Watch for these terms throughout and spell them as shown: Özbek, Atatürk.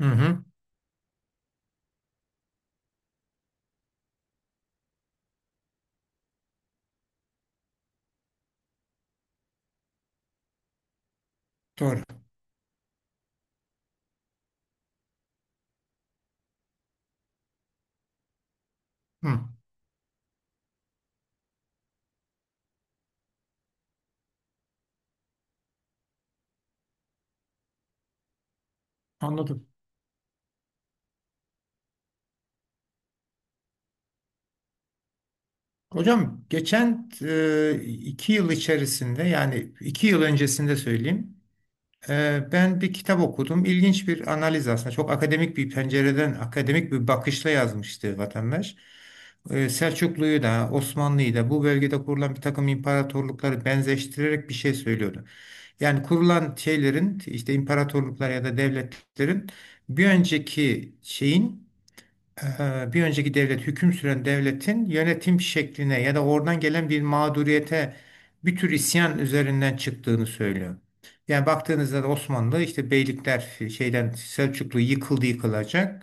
Hı hı, doğru. Hı, anladım. Hocam geçen iki yıl içerisinde yani iki yıl öncesinde söyleyeyim. Ben bir kitap okudum. İlginç bir analiz aslında. Çok akademik bir pencereden, akademik bir bakışla yazmıştı vatandaş. Selçuklu'yu da, Osmanlı'yı da bu bölgede kurulan bir takım imparatorlukları benzeştirerek bir şey söylüyordu. Yani kurulan şeylerin işte imparatorluklar ya da devletlerin bir önceki şeyin bir önceki devlet hüküm süren devletin yönetim şekline ya da oradan gelen bir mağduriyete bir tür isyan üzerinden çıktığını söylüyor. Yani baktığınızda da Osmanlı işte beylikler şeyden Selçuklu yıkıldı yıkılacak.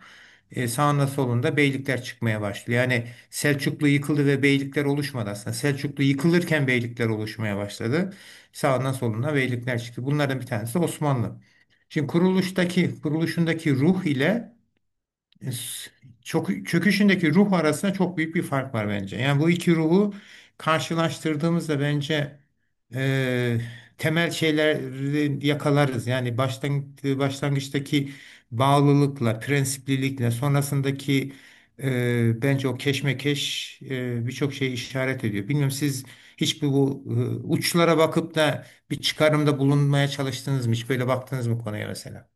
Sağında solunda beylikler çıkmaya başlıyor. Yani Selçuklu yıkıldı ve beylikler oluşmadı aslında. Selçuklu yıkılırken beylikler oluşmaya başladı. Sağından soluna beylikler çıktı. Bunlardan bir tanesi de Osmanlı. Şimdi kuruluşundaki ruh ile çok çöküşündeki ruh arasında çok büyük bir fark var bence. Yani bu iki ruhu karşılaştırdığımızda bence e, temel şeyleri yakalarız. Yani baştan, başlangıçtaki bağlılıkla, prensiplilikle, sonrasındaki bence o keşmekeş birçok şeyi işaret ediyor. Bilmiyorum siz hiç uçlara bakıp da bir çıkarımda bulunmaya çalıştınız mı? Hiç böyle baktınız mı konuya mesela?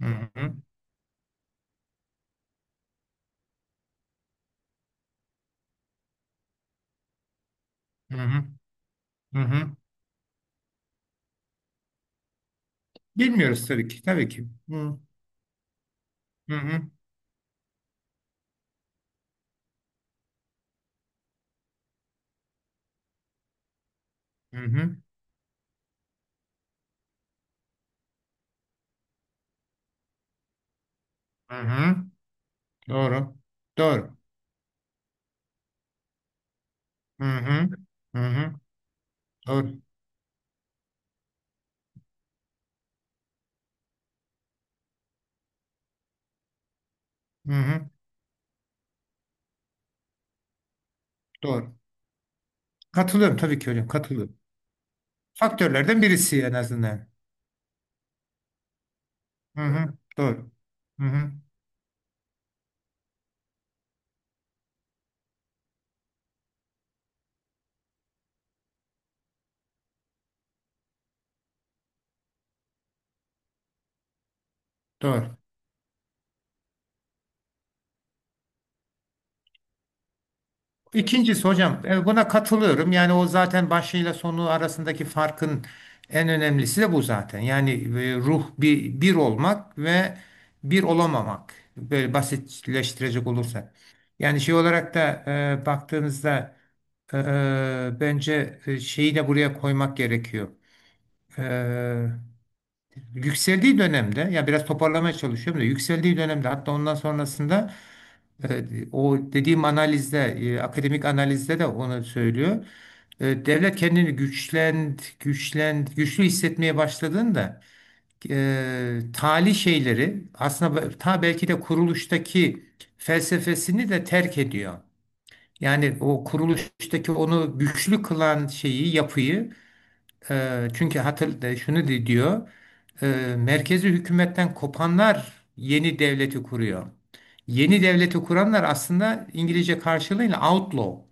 Hı hı. Hı hı. Hı hı. Bilmiyoruz tabii ki. Tabii ki. Hı hı hı hı hı. Hı hı. Doğru. Doğru. Hı hı. Hı hı. Doğru. Hı hı. Doğru. Katılıyorum tabii ki hocam. Katılıyorum. Faktörlerden birisi en azından. Hı hı. Doğru. Hı hı. Doğru. İkincisi hocam buna katılıyorum. Yani o zaten başıyla sonu arasındaki farkın en önemlisi de bu zaten. Yani ruh bir olmak ve bir olamamak. Böyle basitleştirecek olursak. Yani şey olarak da baktığınızda bence şeyi de buraya koymak gerekiyor. E, yükseldiği dönemde ya biraz toparlamaya çalışıyorum da yükseldiği dönemde hatta ondan sonrasında. Evet, o dediğim analizde, akademik analizde de onu söylüyor. Devlet kendini güçlü hissetmeye başladığında tali şeyleri aslında be- ta belki de kuruluştaki felsefesini de terk ediyor. Yani o kuruluştaki onu güçlü kılan şeyi, yapıyı çünkü şunu diyor, e, merkezi hükümetten kopanlar yeni devleti kuruyor. Yeni devleti kuranlar aslında İngilizce karşılığıyla outlaw.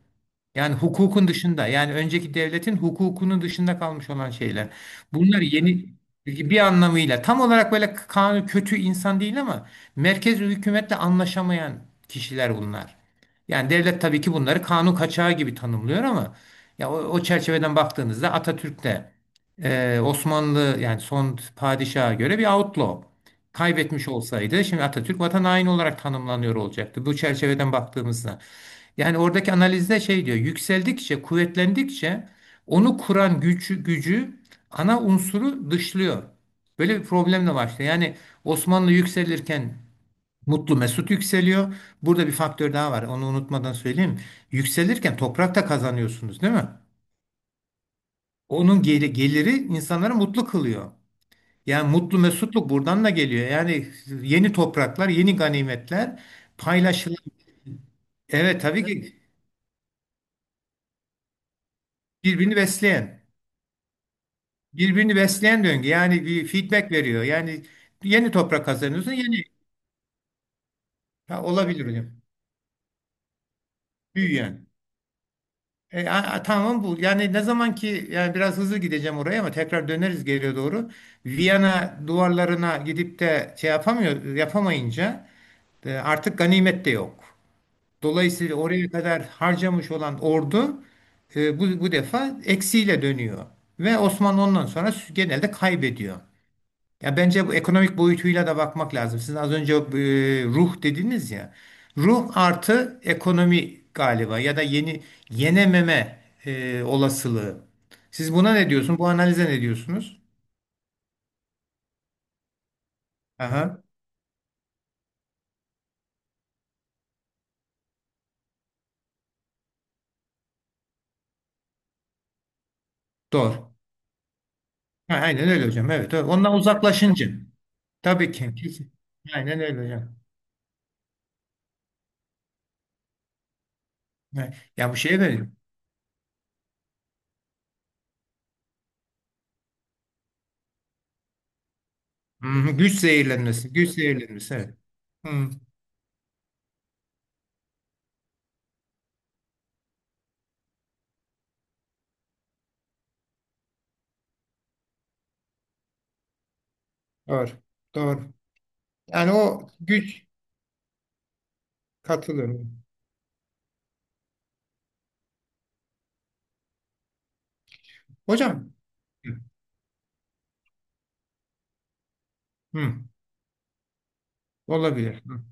Yani hukukun dışında, yani önceki devletin hukukunun dışında kalmış olan şeyler. Bunlar yeni bir anlamıyla tam olarak böyle kanun kötü insan değil ama merkez hükümetle anlaşamayan kişiler bunlar. Yani devlet tabii ki bunları kanun kaçağı gibi tanımlıyor ama ya o çerçeveden baktığınızda Atatürk de Osmanlı yani son padişaha göre bir outlaw kaybetmiş olsaydı şimdi Atatürk vatan haini olarak tanımlanıyor olacaktı bu çerçeveden baktığımızda. Yani oradaki analizde şey diyor, yükseldikçe, kuvvetlendikçe onu kuran gücü ana unsuru dışlıyor. Böyle bir problemle başlıyor. Yani Osmanlı yükselirken Mutlu Mesut yükseliyor. Burada bir faktör daha var. Onu unutmadan söyleyeyim. Yükselirken toprak da kazanıyorsunuz, değil mi? Onun geliri insanları mutlu kılıyor. Yani mutlu mesutluk buradan da geliyor. Yani yeni topraklar, yeni ganimetler paylaşılıyor. Evet tabii ki birbirini besleyen. Birbirini besleyen döngü. Yani bir feedback veriyor. Yani yeni toprak kazanıyorsun, yeni. Ha, olabilir hocam. Büyüyen. Tamam bu. Yani ne zaman ki yani biraz hızlı gideceğim oraya ama tekrar döneriz geriye doğru. Viyana duvarlarına gidip de şey yapamıyor, yapamayınca artık ganimet de yok. Dolayısıyla oraya kadar harcamış olan ordu bu defa eksiyle dönüyor. Ve Osmanlı ondan sonra genelde kaybediyor. Ya bence bu ekonomik boyutuyla da bakmak lazım. Siz az önce ruh dediniz ya. Ruh artı ekonomi galiba ya da yenememe olasılığı. Siz buna ne diyorsun? Bu analize ne diyorsunuz? Aha, doğru. Ha, aynen öyle hocam. Evet, evet. Ondan uzaklaşınca. Tabii ki. Kesin. Aynen öyle hocam. Ha, ya bu şeye veriyor. Hı, Güç zehirlenmesi. Güç zehirlenmesi. Evet. Hı, doğru. Doğru. Yani o güç katılıyorum. Hocam. Hı. Olabilir. Hı.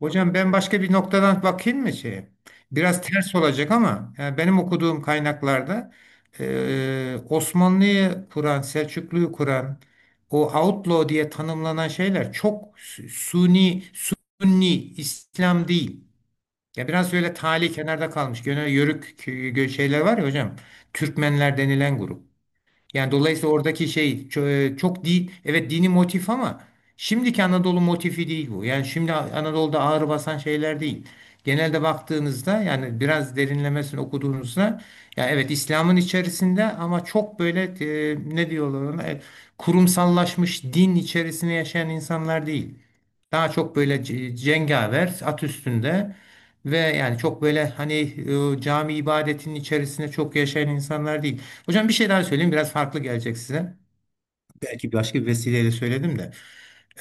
Hocam ben başka bir noktadan bakayım mı şeye? Biraz ters olacak ama yani benim okuduğum kaynaklarda Osmanlı'yı kuran, Selçuklu'yu kuran o outlaw diye tanımlanan şeyler çok sunni İslam değil. Ya biraz böyle tali kenarda kalmış. Gene yörük şeyler var ya hocam. Türkmenler denilen grup. Yani dolayısıyla oradaki şey çok değil. Evet dini motif ama şimdiki Anadolu motifi değil bu. Yani şimdi Anadolu'da ağır basan şeyler değil. Genelde baktığınızda yani biraz derinlemesine okuduğunuzda ya evet İslam'ın içerisinde ama çok böyle ne diyorlar ona, kurumsallaşmış din içerisinde yaşayan insanlar değil. Daha çok böyle cengaver at üstünde ve yani çok böyle hani cami ibadetinin içerisinde çok yaşayan insanlar değil. Hocam bir şey daha söyleyeyim biraz farklı gelecek size. Belki başka bir vesileyle söyledim de.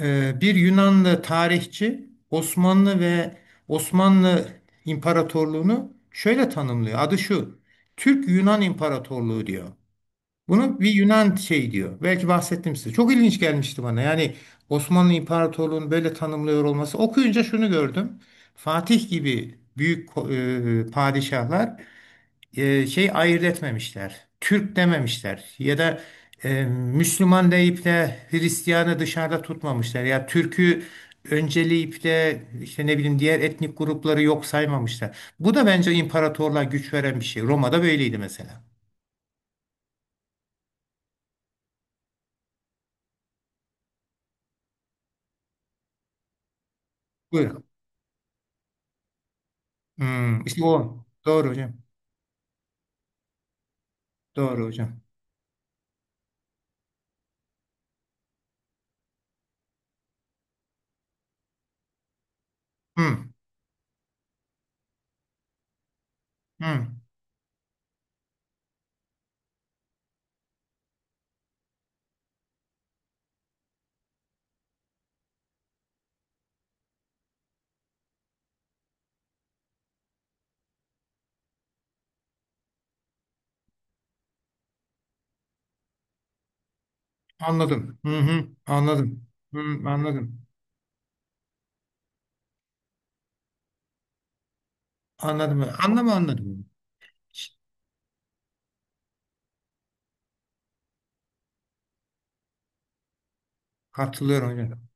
Bir Yunanlı tarihçi Osmanlı ve Osmanlı İmparatorluğunu şöyle tanımlıyor. Adı şu. Türk-Yunan İmparatorluğu diyor. Bunu bir Yunan şey diyor. Belki bahsettim size. Çok ilginç gelmişti bana. Yani Osmanlı İmparatorluğu'nu böyle tanımlıyor olması. Okuyunca şunu gördüm. Fatih gibi büyük padişahlar şey ayırt etmemişler. Türk dememişler ya da Müslüman deyip de Hristiyanı dışarıda tutmamışlar. Ya Türk'ü önceleyip de işte ne bileyim diğer etnik grupları yok saymamışlar. Bu da bence imparatorluğa güç veren bir şey. Roma'da böyleydi mesela. Buyurun. Hmm, işte o. Doğru hocam. Doğru hocam. Hmm, hmm. Anladım. Hı hı. Anladım. Hı, anladım. Anladım. Anlamı anladım. Katılıyorum hocam.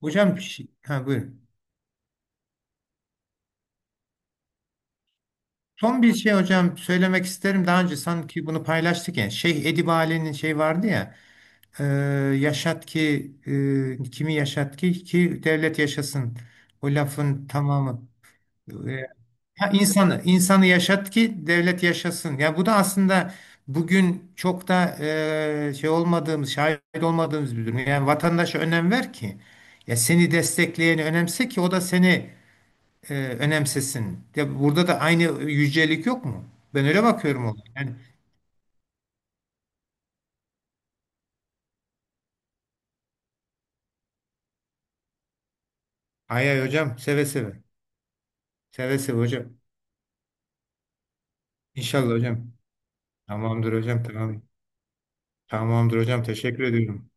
Hocam bir şey. Ha, buyurun. Son bir şey hocam söylemek isterim. Daha önce sanki bunu paylaştık ya. Şeyh Edip Ali'nin şey vardı ya. e, yaşat ki kimi yaşat ki devlet yaşasın. O lafın tamamı. E, ha, insanı insanı yaşat ki devlet yaşasın. Ya bu da aslında bugün çok da şey olmadığımız, şahit olmadığımız bir durum. Yani vatandaşa önem ver ki. Ya seni destekleyeni önemse ki o da seni e, önemsesin. Ya burada da aynı yücelik yok mu? Ben öyle bakıyorum ona. Yani ay ay hocam seve seve. Seve seve hocam. İnşallah hocam. Tamamdır hocam tamam. Tamamdır hocam teşekkür ediyorum.